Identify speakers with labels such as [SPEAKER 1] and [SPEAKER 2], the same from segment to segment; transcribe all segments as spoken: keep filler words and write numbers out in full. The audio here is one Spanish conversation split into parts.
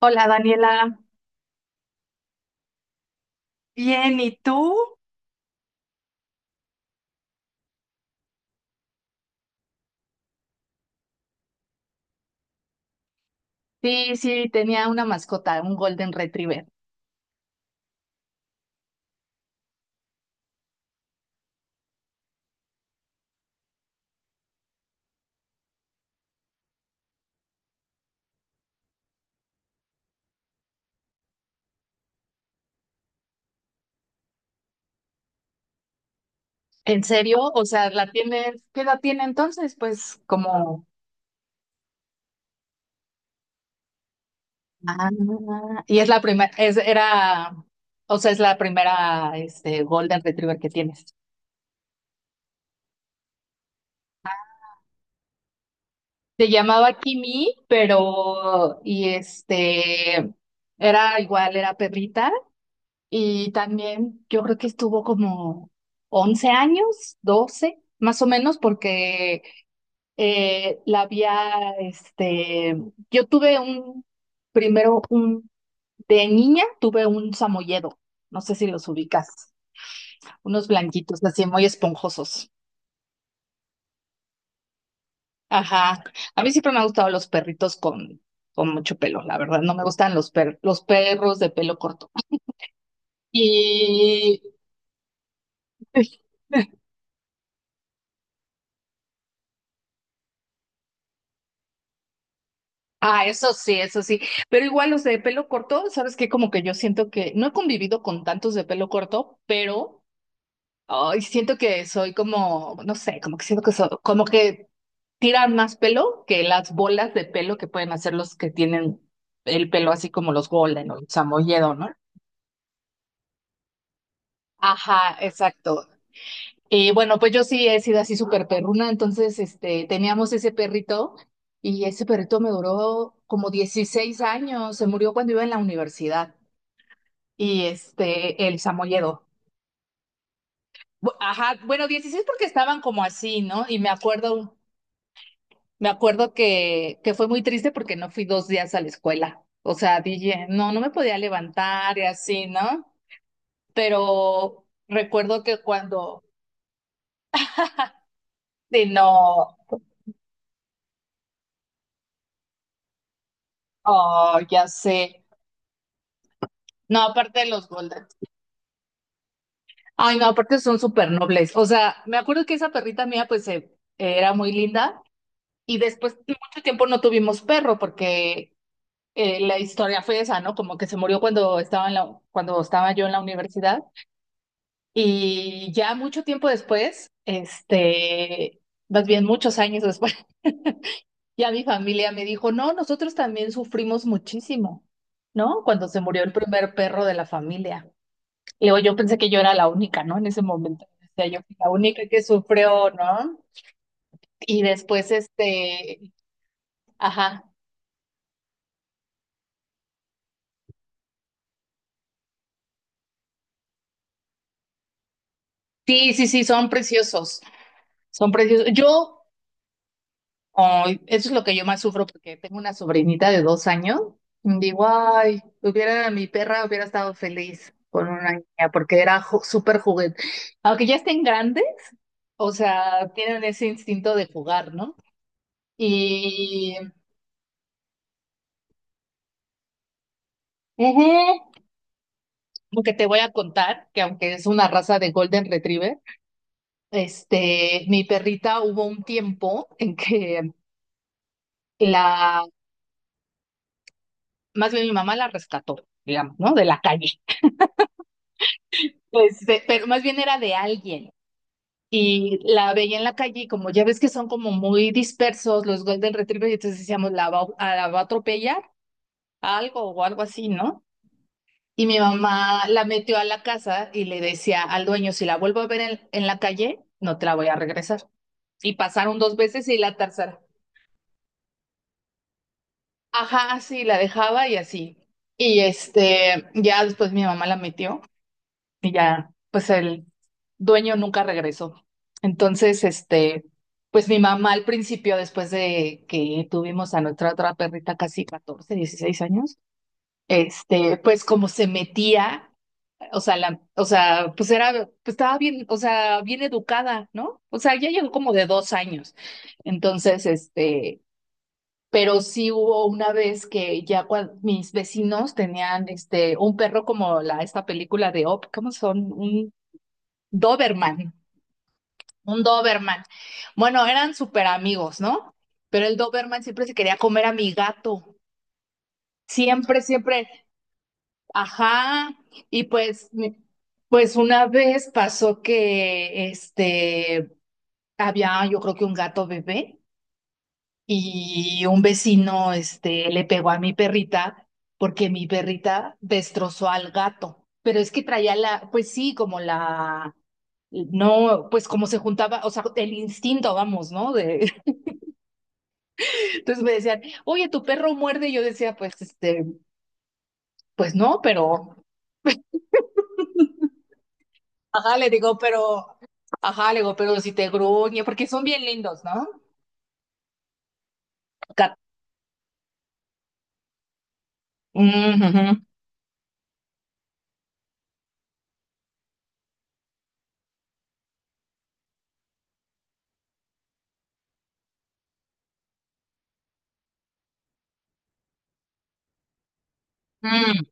[SPEAKER 1] Hola, Daniela. Bien, ¿y tú? Sí, sí, tenía una mascota, un Golden Retriever. ¿En serio? O sea, ¿la tienes? ¿Qué edad tiene entonces? Pues como. Ah, y es la primera, es, era, o sea, es la primera, este, Golden Retriever que tienes. Se llamaba Kimi, pero, y este, era igual, era perrita, y también yo creo que estuvo como once años, doce más o menos, porque, eh, la había, este, yo tuve un, primero un, de niña tuve un samoyedo, no sé si los ubicas, unos blanquitos así muy esponjosos. Ajá, a mí siempre me han gustado los perritos con, con mucho pelo, la verdad, no me gustan los, per- los perros de pelo corto. Y... Ah, eso sí, eso sí. Pero igual los de pelo corto, ¿sabes qué? Como que yo siento que no he convivido con tantos de pelo corto, pero ay, siento que soy como, no sé, como que siento que soy, como que tiran más pelo que las bolas de pelo que pueden hacer los que tienen el pelo así como los Golden o los Samoyedo, ¿no? Ajá, exacto. Y bueno, pues yo sí he sido así súper perruna, entonces este, teníamos ese perrito y ese perrito me duró como dieciséis años, se murió cuando iba en la universidad y este, el Samoyedo. Bu- Ajá, bueno, dieciséis porque estaban como así, ¿no? Y me acuerdo. Me acuerdo que, que fue muy triste porque no fui dos días a la escuela. O sea, dije, no, no me podía levantar y así, ¿no? Pero recuerdo que cuando, sí, no, oh, ya sé. No, aparte de los Golden. Ay, no, aparte son súper nobles. O sea, me acuerdo que esa perrita mía, pues, eh, era muy linda. Y después, de mucho tiempo no tuvimos perro porque eh, la historia fue esa, ¿no? Como que se murió cuando estaba en la, cuando estaba yo en la universidad. Y ya mucho tiempo después, este, más bien muchos años después, ya mi familia me dijo, no, nosotros también sufrimos muchísimo, ¿no? Cuando se murió el primer perro de la familia. Y luego yo pensé que yo era la única, ¿no? En ese momento, o sea, yo fui la única que sufrió, ¿no? Y después, este, ajá, sí, sí, sí, son preciosos, son preciosos. Yo ay, eso es lo que yo más sufro porque tengo una sobrinita de dos años. Digo, ay, hubiera mi perra hubiera estado feliz con una niña porque era ju- súper juguete. Aunque ya estén grandes, o sea, tienen ese instinto de jugar, ¿no? Y ujú, aunque te voy a contar que aunque es una raza de Golden Retriever, este, mi perrita hubo un tiempo en que la, más bien mi mamá la rescató, digamos, ¿no? De la calle. Este, pero más bien era de alguien. Y la veía en la calle y como ya ves que son como muy dispersos los Golden Retriever, y entonces decíamos, la va, a- la va a atropellar algo o algo así, ¿no? Y mi mamá la metió a la casa y le decía al dueño, si la vuelvo a ver en, en la calle, no te la voy a regresar. Y pasaron dos veces y la tercera. Ajá, sí, la dejaba y así. Y este, ya después mi mamá la metió y ya, pues él dueño nunca regresó. Entonces, este, pues mi mamá al principio, después de que tuvimos a nuestra otra perrita casi catorce, dieciséis años, este, pues como se metía, o sea, la, o sea, pues era, pues estaba bien, o sea, bien educada, ¿no? O sea, ya llegó como de dos años. Entonces, este, pero sí hubo una vez que ya cuando mis vecinos tenían este, un perro como la, esta película de Op, ¿cómo son? Un Doberman. Un Doberman. Bueno, eran súper amigos, ¿no? Pero el Doberman siempre se quería comer a mi gato. Siempre, siempre. Ajá. Y pues, mi- pues una vez pasó que este había, yo creo que un gato bebé y un vecino este le pegó a mi perrita porque mi perrita destrozó al gato. Pero es que traía la, pues sí, como la no, pues como se juntaba, o sea, el instinto, vamos, ¿no? De. Entonces me decían, oye, tu perro muerde. Y yo decía, pues, este, pues no, pero, ajá, le digo, pero, ajá, le digo, pero si te gruñe, porque son bien lindos, ¿no? Cat- Mm, ujú. Mm.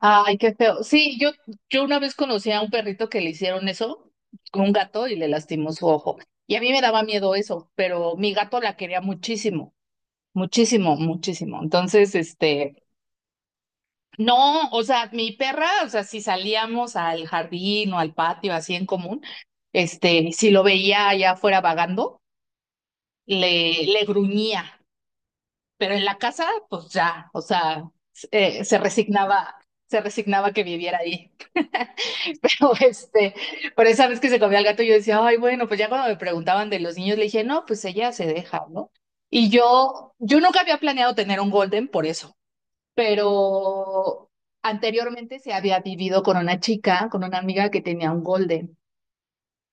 [SPEAKER 1] Ay, qué feo. Sí, yo, yo una vez conocí a un perrito que le hicieron eso con un gato y le lastimó su ojo. Y a mí me daba miedo eso, pero mi gato la quería muchísimo, muchísimo, muchísimo. Entonces, este, no, o sea, mi perra, o sea, si salíamos al jardín o al patio así en común, este, si lo veía allá afuera vagando, le, le gruñía, pero en la casa, pues ya, o sea, eh, se resignaba, se resignaba que viviera ahí. Pero este, por esa vez que se comió al gato, yo decía, ay, bueno, pues ya cuando me preguntaban de los niños, le dije, no, pues ella se deja, ¿no? Y yo, yo nunca había planeado tener un golden por eso pero anteriormente se había vivido con una chica, con una amiga que tenía un golden.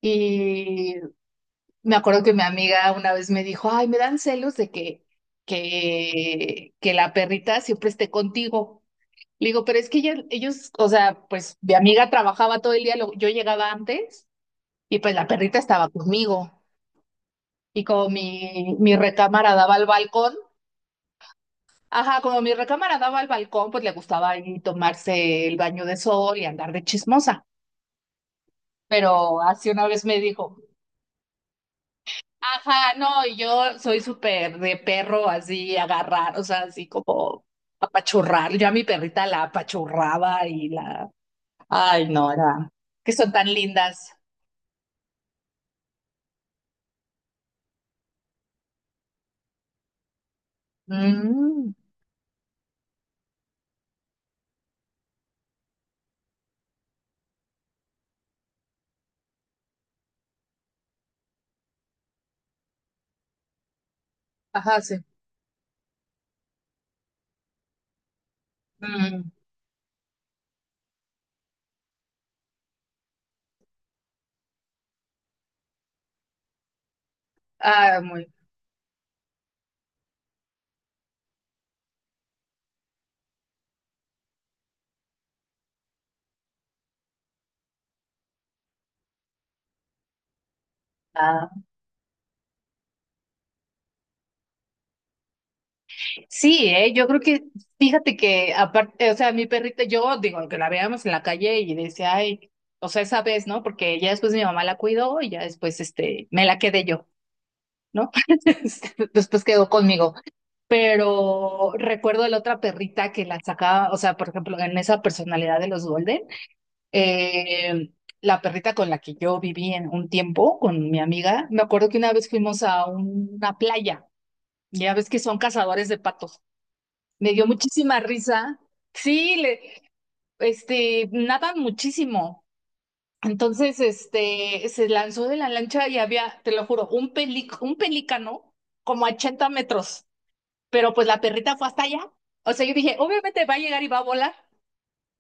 [SPEAKER 1] Y me acuerdo que mi amiga una vez me dijo, ay, me dan celos de que, que, que la perrita siempre esté contigo. Le digo, pero es que ella- ellos, o sea, pues mi amiga trabajaba todo el día, lo- yo llegaba antes y pues la perrita estaba conmigo. Y como mi, mi recámara daba al balcón, ajá, como mi recámara daba al balcón, pues le gustaba ahí tomarse el baño de sol y andar de chismosa. Pero así una vez me dijo, ajá, no, y yo soy súper de perro, así agarrar, o sea, así como apachurrar. Yo a mi perrita la apachurraba y la, ay, no, era, que son tan lindas. Mm, ajá, sí. Mm, ah, muy. Ah. Sí, eh, yo creo que, fíjate que aparte, o sea, mi perrita, yo digo que la veíamos en la calle y decía, ay, o sea, esa vez, ¿no? Porque ya después mi mamá la cuidó y ya después, este, me la quedé yo, ¿no? Después quedó conmigo. Pero recuerdo la otra perrita que la sacaba, o sea, por ejemplo, en esa personalidad de los Golden, eh, la perrita con la que yo viví en un tiempo, con mi amiga, me acuerdo que una vez fuimos a una playa, ya ves que son cazadores de patos. Me dio muchísima risa. Sí, le, este, nadan muchísimo. Entonces, este, se lanzó de la lancha y había, te lo juro, un peli- un pelícano como a ochenta metros. Pero pues la perrita fue hasta allá. O sea, yo dije, obviamente va a llegar y va a volar.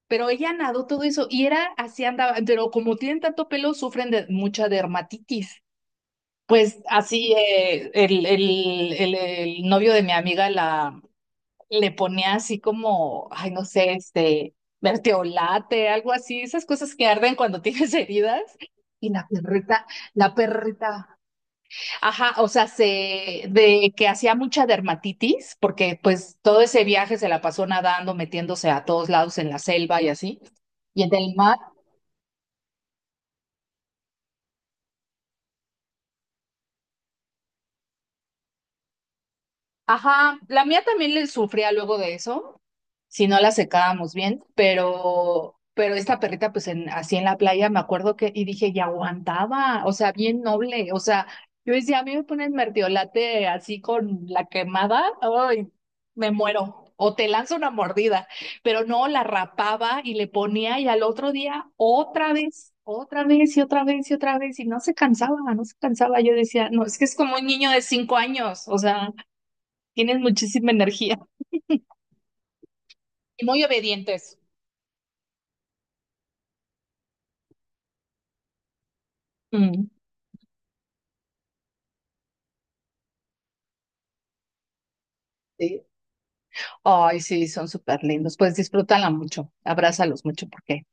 [SPEAKER 1] Pero ella nadó todo eso y era así andaba. Pero como tienen tanto pelo, sufren de mucha dermatitis. Pues así eh, el, el, el, el novio de mi amiga la le ponía así como, ay, no sé, este, verteolate, algo así, esas cosas que arden cuando tienes heridas. Y la perrita, la perrita, ajá, o sea, se, de que hacía mucha dermatitis, porque pues todo ese viaje se la pasó nadando, metiéndose a todos lados en la selva y así, y en el mar. Ajá, la mía también le sufría luego de eso, si no la secábamos bien, pero, pero esta perrita, pues en, así en la playa, me acuerdo que, y dije, y aguantaba, o sea, bien noble, o sea, yo decía, a mí me ponen mertiolate así con la quemada, ay, me muero. O te lanzo una mordida, pero no, la rapaba y le ponía y al otro día otra vez, otra vez y otra vez y otra vez y no se cansaba, no se cansaba. Yo decía, no, es que es como un niño de cinco años, o sea, tienes muchísima energía y muy obedientes. Mm. Sí. Ay, sí, son súper lindos. Pues disfrútala mucho, abrázalos mucho porque,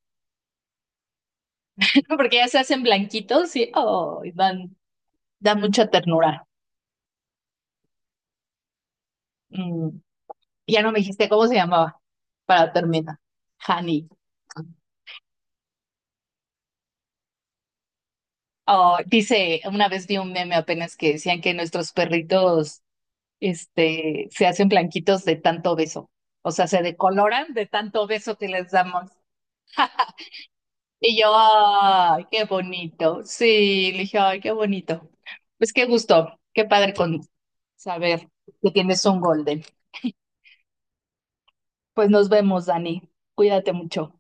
[SPEAKER 1] porque ya se hacen blanquitos y ay, dan, dan mucha ternura. Mm, Ya no me dijiste cómo se llamaba para terminar. Honey. Oh, dice, una vez vi un meme apenas que decían que nuestros perritos, este, se hacen blanquitos de tanto beso. O sea, se decoloran de tanto beso que les damos. Y yo, ay, qué bonito. Sí, le dije, ay, qué bonito. Pues qué gusto, qué padre con saber que tienes un golden. Pues nos vemos, Dani. Cuídate mucho.